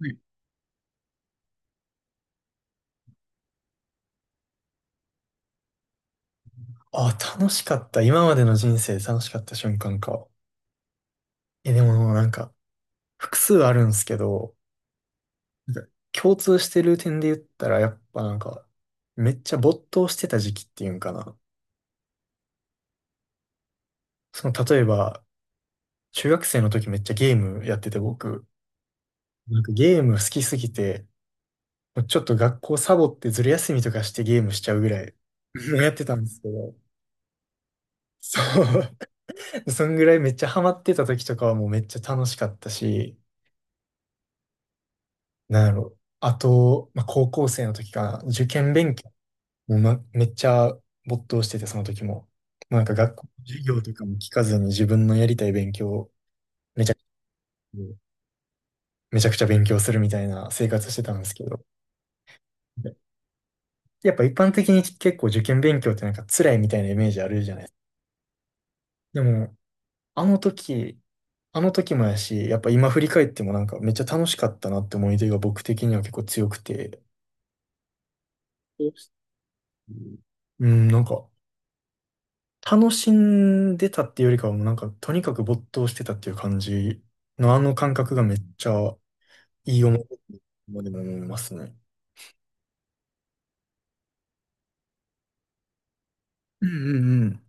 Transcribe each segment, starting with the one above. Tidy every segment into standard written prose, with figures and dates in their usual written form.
はい。あ、楽しかった。今までの人生で楽しかった瞬間か。え、でもなんか、複数あるんですけど、なんか共通してる点で言ったら、やっぱなんか、めっちゃ没頭してた時期っていうんかな。その、例えば、中学生の時めっちゃゲームやってて、僕、なんかゲーム好きすぎて、ちょっと学校サボってずる休みとかしてゲームしちゃうぐらい やってたんですけど、そう。そんぐらいめっちゃハマってた時とかはもうめっちゃ楽しかったし、なんやろ。あと、まあ、高校生の時かな。受験勉強も、ま、めっちゃ没頭してて、その時も。もうなんか学校の授業とかも聞かずに自分のやりたい勉強をめちゃくちゃ、めちゃくちゃ勉強するみたいな生活してたんですけど。で、やっぱ一般的に結構受験勉強ってなんか辛いみたいなイメージあるじゃない。でも、あの時、あの時もやし、やっぱ今振り返ってもなんかめっちゃ楽しかったなって思い出が僕的には結構強くて。うん、うんなんか、楽しんでたっていうよりかはもうなんか、とにかく没頭してたっていう感じのあの感覚がめっちゃいい思い出でも思いますね。うんうん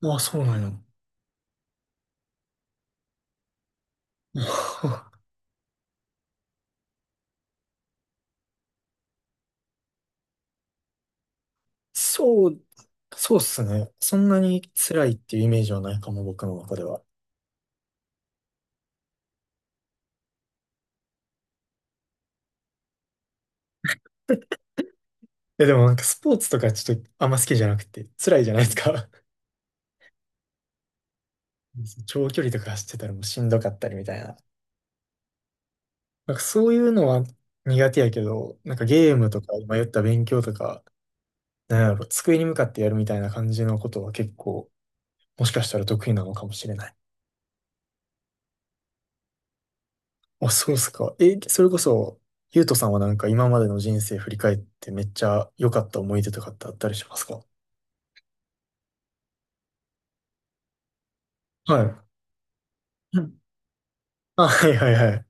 うん。ああ、そうなんや。そう、そうっすね。そんなに辛いっていうイメージはないかも、僕の中では。え、でもなんかスポーツとかちょっとあんま好きじゃなくて、辛いじゃないですか。長距離とか走ってたらもうしんどかったりみたいな。なんかそういうのは苦手やけど、なんかゲームとか、今言った勉強とか、なんやろ、机に向かってやるみたいな感じのことは結構、もしかしたら得意なのかもしれない。あ、そうっすか。え、それこそ、ゆうとさんはなんか今までの人生振り返ってめっちゃ良かった思い出とかってあったりしますか？はい。うん、あ、はいはいはい。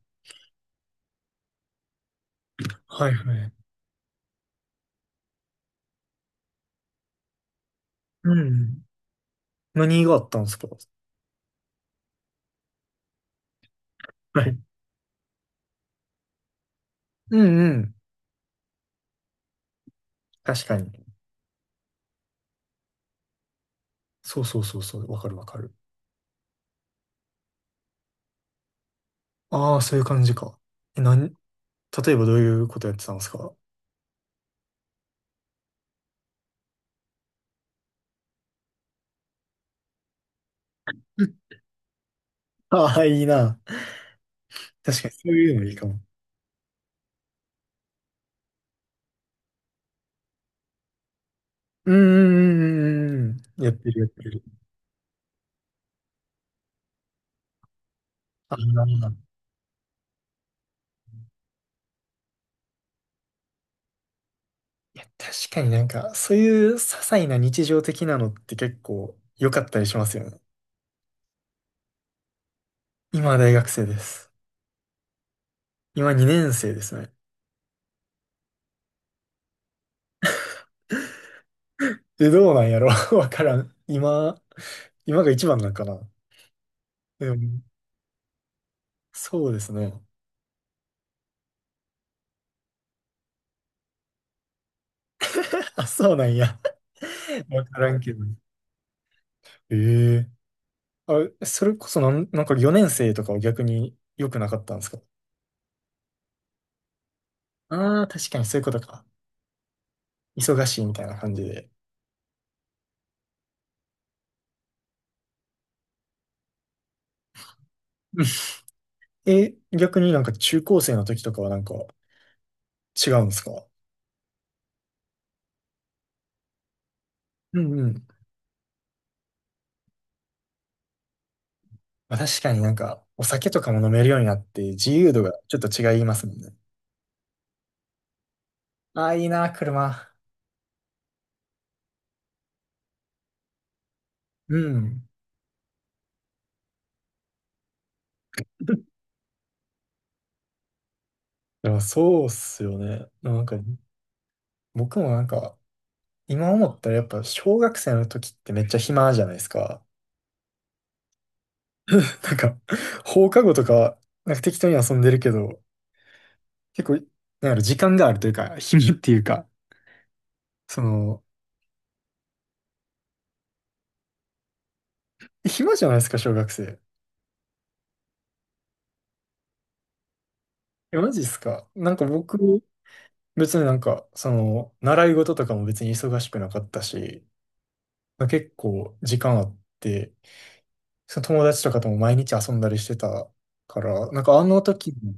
はいはい。うん。何があったんですか？はい。うんうん。確かに。そうそうそうそう。わかるわかる。ああ、そういう感じか。え、なん、例えばどういうことやってたんですか？あ あー、いいな。確かにそういうのいいかも。うーん。やってるやってる。ああ。いや、確かになんか、そういう些細な日常的なのって結構良かったりしますよね。今は大学生です。今2年生ですね。え、どうなんやろ わからん。今、今が一番なんかな。でもそうですね。あ、そうなんや。わからんけど。ええ、あ、それこそなん、なんか4年生とかは逆に良くなかったんですか？ああー、確かにそういうことか。忙しいみたいな感じで。え、逆になんか中高生の時とかはなんか違うんですか？うんうん。まあ、確かになんかお酒とかも飲めるようになって自由度がちょっと違いますもんね。ああ、いいな、車。うん。でもそうっすよね。なんか僕もなんか今思ったらやっぱ小学生の時ってめっちゃ暇じゃないですか。なんか放課後とかなんか適当に遊んでるけど結構なんやろ時間があるというか暇っていうかその暇じゃないですか小学生。え、マジっすか？なんか僕、別になんか、その、習い事とかも別に忙しくなかったし、結構時間あって、その友達とかとも毎日遊んだりしてたから、なんかあの時の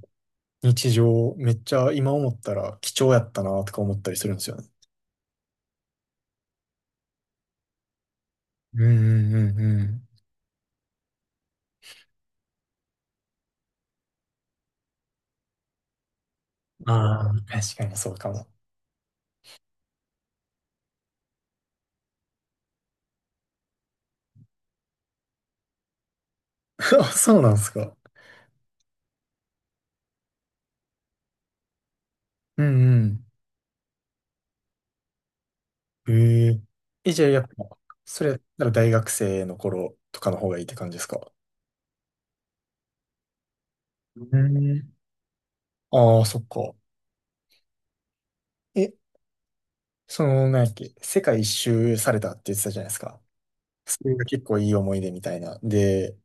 日常、めっちゃ今思ったら貴重やったなとか思ったりするんですよね。うんうんうんうん。ああ、確かにそうかも。あ、そうなんですか。うんうん。へえ。え、じゃあやっぱ、それやったら大学生の頃とかの方がいいって感じですか？うん。ああ、そっか。え、その、なんやっけ、世界一周されたって言ってたじゃないですか。それが結構いい思い出みたいな。で、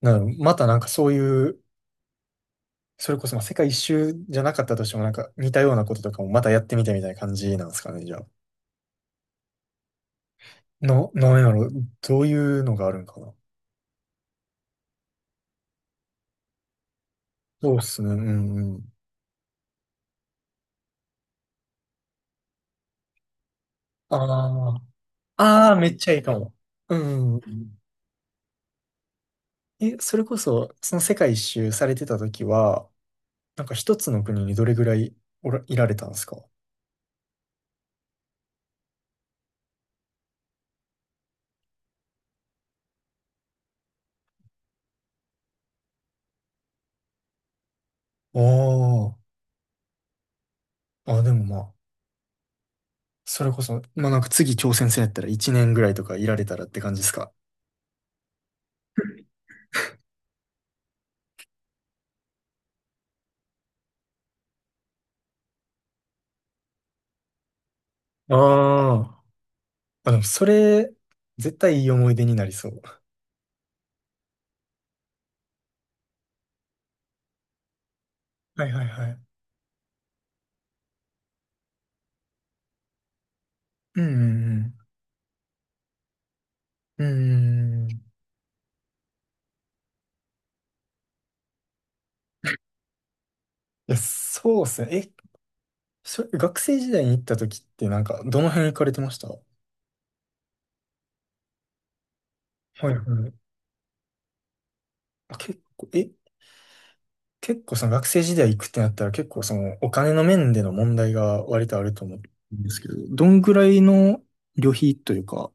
なんまたなんかそういう、それこそまあ世界一周じゃなかったとしてもなんか似たようなこととかもまたやってみたみたいな感じなんですかね、じゃあ。の、なんやろ、どういうのがあるんかな。そうっすね、うんうん。ああ、ああ、めっちゃいいかも。うんうんうん。え、それこそ、その世界一周されてた時は、なんか一つの国にどれぐらいおら、いられたんですか？ああー。あ、でもまあ、それこそ、まあなんか次挑戦戦やったら1年ぐらいとかいられたらって感じですか。ああ、あ、でもそれ、絶対いい思い出になりそう。はいはいはい。うんうんうん。うーん。いや、そうっすね。え、それ、学生時代に行った時ってなんか、どの辺行かれてましたは？いはい。あ、結構、え、結構その学生時代行くってなったら結構そのお金の面での問題が割とあると思うんですけど、どんぐらいの旅費というか、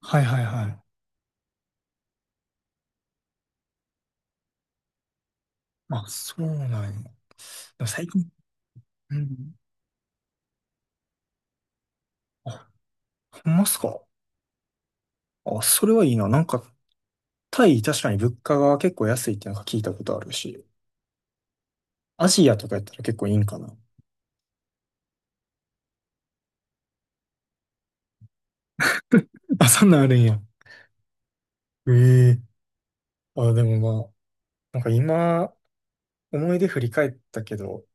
はいはいはい。あ、そうなんや。でも最近、うん。あ、ほんますか？あ、それはいいな。なんか、タイ、確かに物価が結構安いってなんか聞いたことあるし、アジアとかやったら結構いいんかな。あ、そんなんあるんや。ええ、あ、でもまあ、なんか今、思い出振り返ったけど、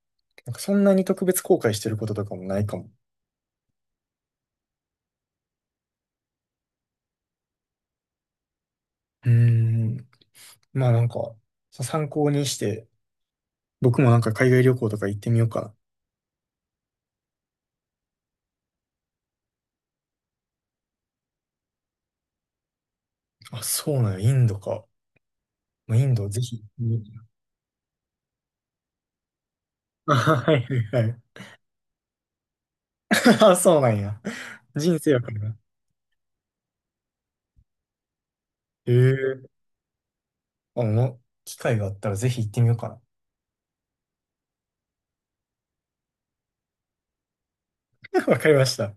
なんかそんなに特別後悔してることとかもないかも。うーん。まあなんか、そ参考にして、僕もなんか海外旅行とか行ってみようかな。あ、そうなんや、インドか。まあ、インドぜひ。うん、あはいはいはい。あ、そうなんや。人生やからな。ええ、あ、もう、機会があったらぜひ行ってみようかな。わかりました。